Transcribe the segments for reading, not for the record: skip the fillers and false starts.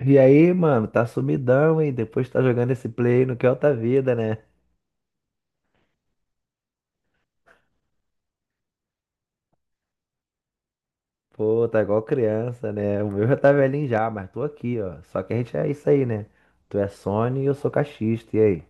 E aí, mano, tá sumidão, hein? Depois tá jogando esse play no que é outra vida, né? Pô, tá igual criança, né? O meu já tá velhinho já, mas tô aqui, ó. Só que a gente é isso aí, né? Tu é Sony e eu sou caixista, e aí?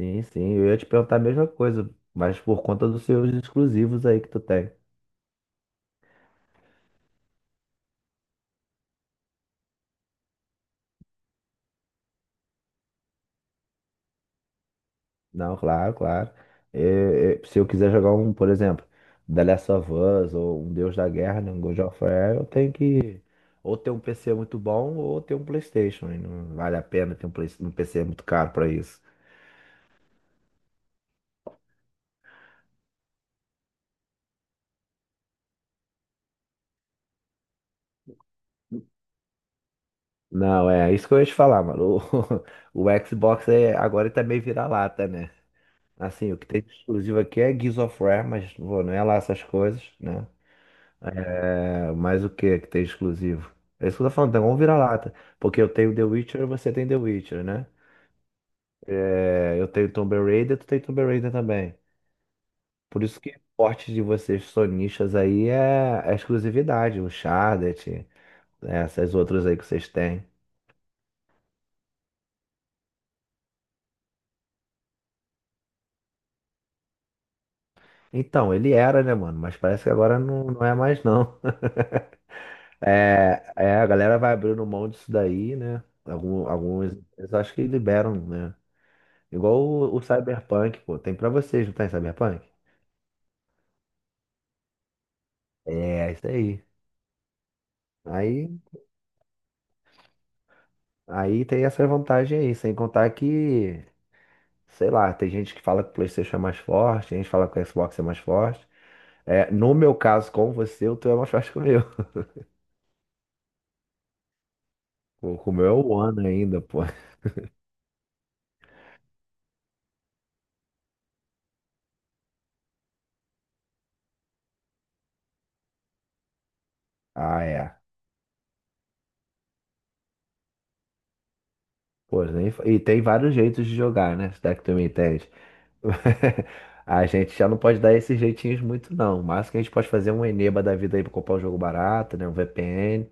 Sim, sim, eu ia te perguntar a mesma coisa, mas por conta dos seus exclusivos aí que tu tem. Não, claro, claro. É, é, se eu quiser jogar um, por exemplo, The Last of Us ou um Deus da Guerra, né, um God of War, eu tenho que ou ter um PC muito bom ou ter um PlayStation. E não vale a pena ter um, um PC muito caro pra isso. Não, é isso que eu ia te falar, mano. O, o Xbox é, agora ele tá meio vira-lata, né? Assim, o que tem de exclusivo aqui é Gears of War, mas pô, não é lá essas coisas, né? É, mas o que que tem exclusivo? É isso que eu tô falando, tem um vira-lata. Porque eu tenho The Witcher, você tem The Witcher, né? É, eu tenho Tomb Raider, tu tem Tomb Raider também. Por isso que o forte de vocês sonistas aí é é a exclusividade, o Chardet, né, essas outras aí que vocês têm. Então, ele era, né, mano? Mas parece que agora não, não é mais, não. É, é, a galera vai abrindo mão disso daí, né? Alguns, eu acho que liberam, né? Igual o Cyberpunk, pô. Tem pra vocês, não tem Cyberpunk? É, isso aí. Aí, aí tem essa vantagem aí, sem contar que, sei lá, tem gente que fala que o PlayStation é mais forte, tem gente que fala que o Xbox é mais forte. É, no meu caso, com você, o teu é mais forte que o meu. O meu é o One ainda, pô. Ah, é. Pô, nem, e tem vários jeitos de jogar, né? Se é que tu me entende. A gente já não pode dar esses jeitinhos muito, não. O máximo que a gente pode fazer é um Eneba da vida aí pra comprar um jogo barato, né? Um VPN.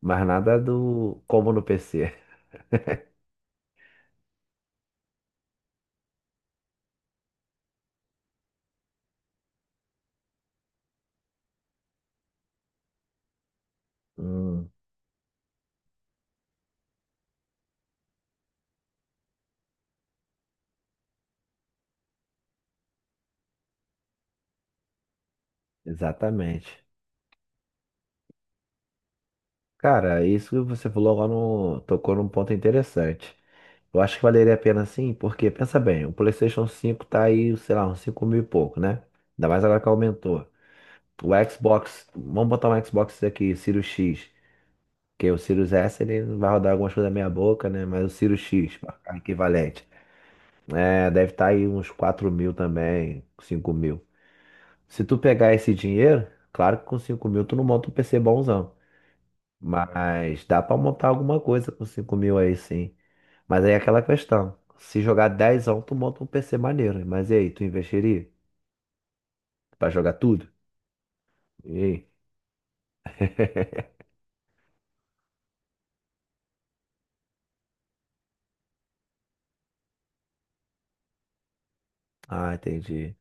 Mas nada do como no PC. Hum, Exatamente. Cara, isso que você falou agora tocou num ponto interessante. Eu acho que valeria a pena sim, porque pensa bem, o PlayStation 5 tá aí, sei lá, uns 5 mil e pouco, né? Ainda mais agora que aumentou. O Xbox, vamos botar um Xbox aqui, Sirius X, que o Sirius S ele vai rodar algumas coisas na minha boca, né? Mas o Sirius X, pra ficar equivalente, é, deve estar aí uns 4 mil também, 5 mil. Se tu pegar esse dinheiro, claro que com 5 mil tu não monta um PC bonzão. Mas dá pra montar alguma coisa com 5 mil aí sim. Mas aí é aquela questão. Se jogar 10, tu monta um PC maneiro. Mas e aí, tu investiria pra jogar tudo? E aí? Ah, entendi.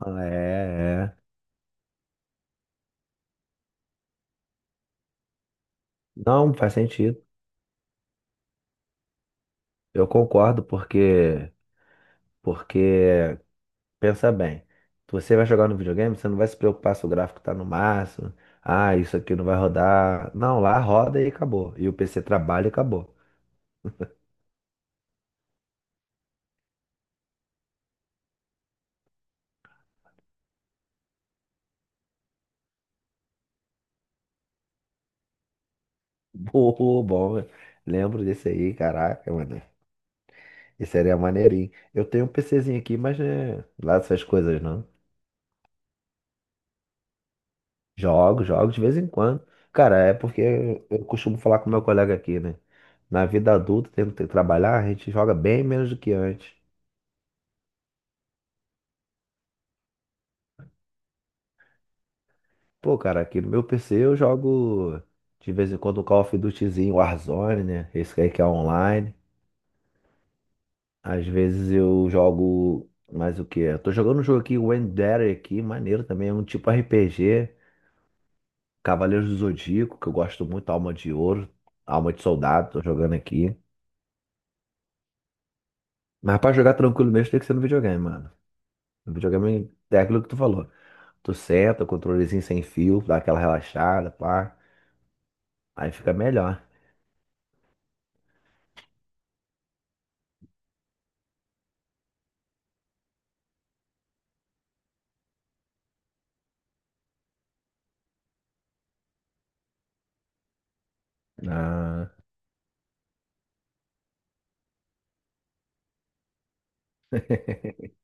Ah, é, é. Não, faz sentido. Eu concordo porque pensa bem. Se você vai jogar no videogame, você não vai se preocupar se o gráfico tá no máximo. Ah, isso aqui não vai rodar. Não, lá roda e acabou. E o PC trabalha e acabou. Boa, bom. Lembro desse aí, caraca, mano. Esse era maneirinho. Eu tenho um PCzinho aqui, mas né, lá essas coisas não. Jogo, jogo de vez em quando. Cara, é porque eu costumo falar com meu colega aqui, né? Na vida adulta, tendo que trabalhar, a gente joga bem menos do que antes. Pô, cara, aqui no meu PC eu jogo de vez em quando um Call of Dutyzinho, Warzone, né? Esse aí que é online. Às vezes eu jogo mais o quê? Eu tô jogando um jogo aqui, o Wendere aqui, maneiro também, é um tipo RPG, Cavaleiros do Zodíaco, que eu gosto muito, Alma de Ouro, Alma de Soldado, tô jogando aqui. Mas pra jogar tranquilo mesmo tem que ser no videogame, mano. No videogame é aquilo que tu falou. Tu senta, controlezinho sem fio, dá aquela relaxada, pá. Aí fica melhor. Ah,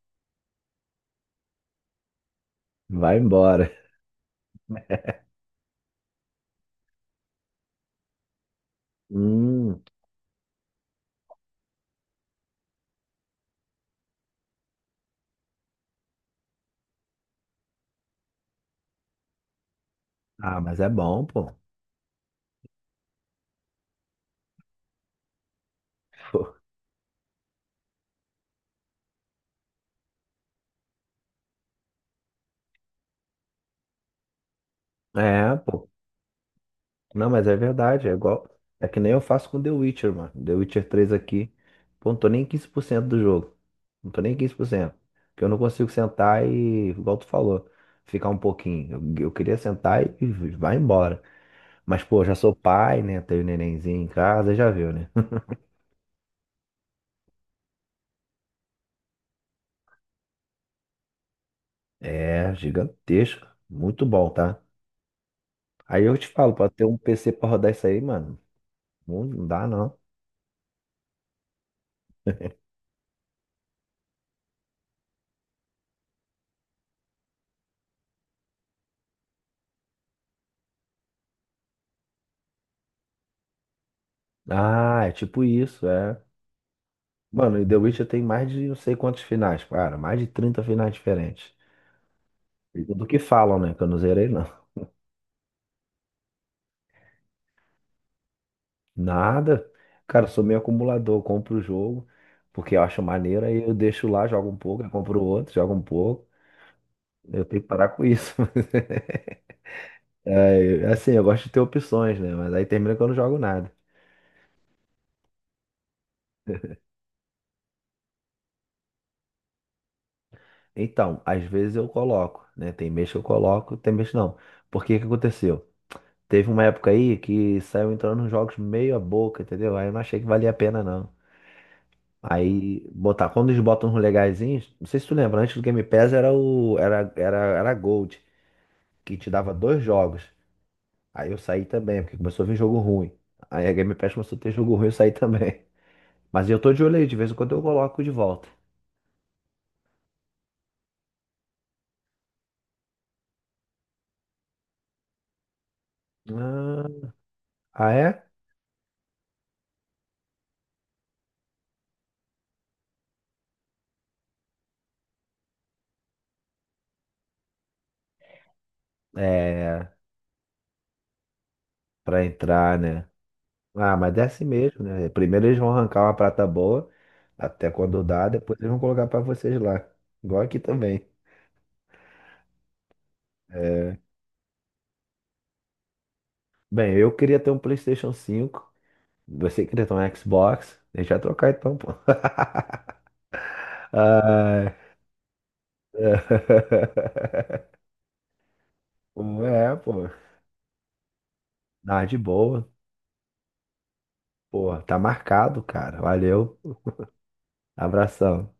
vai embora. Hum, ah, mas é bom, pô. Pô, é, pô. Não, mas é verdade. É igual. É que nem eu faço com The Witcher, mano. The Witcher três aqui. Pô, não tô nem em 15% do jogo. Não tô nem em quinze por cento. Porque eu não consigo sentar e, igual tu falou, ficar um pouquinho. Eu queria sentar e vai embora. Mas, pô, já sou pai, né? Tenho um nenenzinho em casa, já viu, né? É, gigantesco. Muito bom, tá? Aí eu te falo, pra ter um PC pra rodar isso aí, mano, não dá não. Ah, é tipo isso, é. Mano, e The Witcher tem mais de não sei quantos finais, cara. Mais de 30 finais diferentes. E tudo que falam, né? Que eu não zerei, não. Nada. Cara, eu sou meio acumulador. Eu compro o jogo, porque eu acho maneiro, aí eu deixo lá, jogo um pouco, aí compro outro, jogo um pouco. Eu tenho que parar com isso. É, assim, eu gosto de ter opções, né? Mas aí termina que eu não jogo nada. Então, às vezes eu coloco, né? Tem mês que eu coloco, tem mês que não. Por que que aconteceu? Teve uma época aí que saiu entrando nos jogos meio a boca, entendeu? Aí eu não achei que valia a pena, não. Aí botar, quando eles botam uns legaisinhos, não sei se tu lembra, antes do Game Pass era era Gold, que te dava 2 jogos. Aí eu saí também, porque começou a vir jogo ruim. Aí a Game Pass começou a ter jogo ruim, eu saí também. Mas eu tô de olho aí, de vez em quando eu coloco de volta. Ah, ah, é? É, pra entrar, né? Ah, mas desce mesmo, né? Primeiro eles vão arrancar uma prata boa, até quando dá, depois eles vão colocar pra vocês lá. Igual aqui também. É. Bem, eu queria ter um PlayStation 5, você queria ter um Xbox, deixa eu trocar então, pô. Ah, é, pô. Ah, de boa. Pô, tá marcado, cara. Valeu. Abração.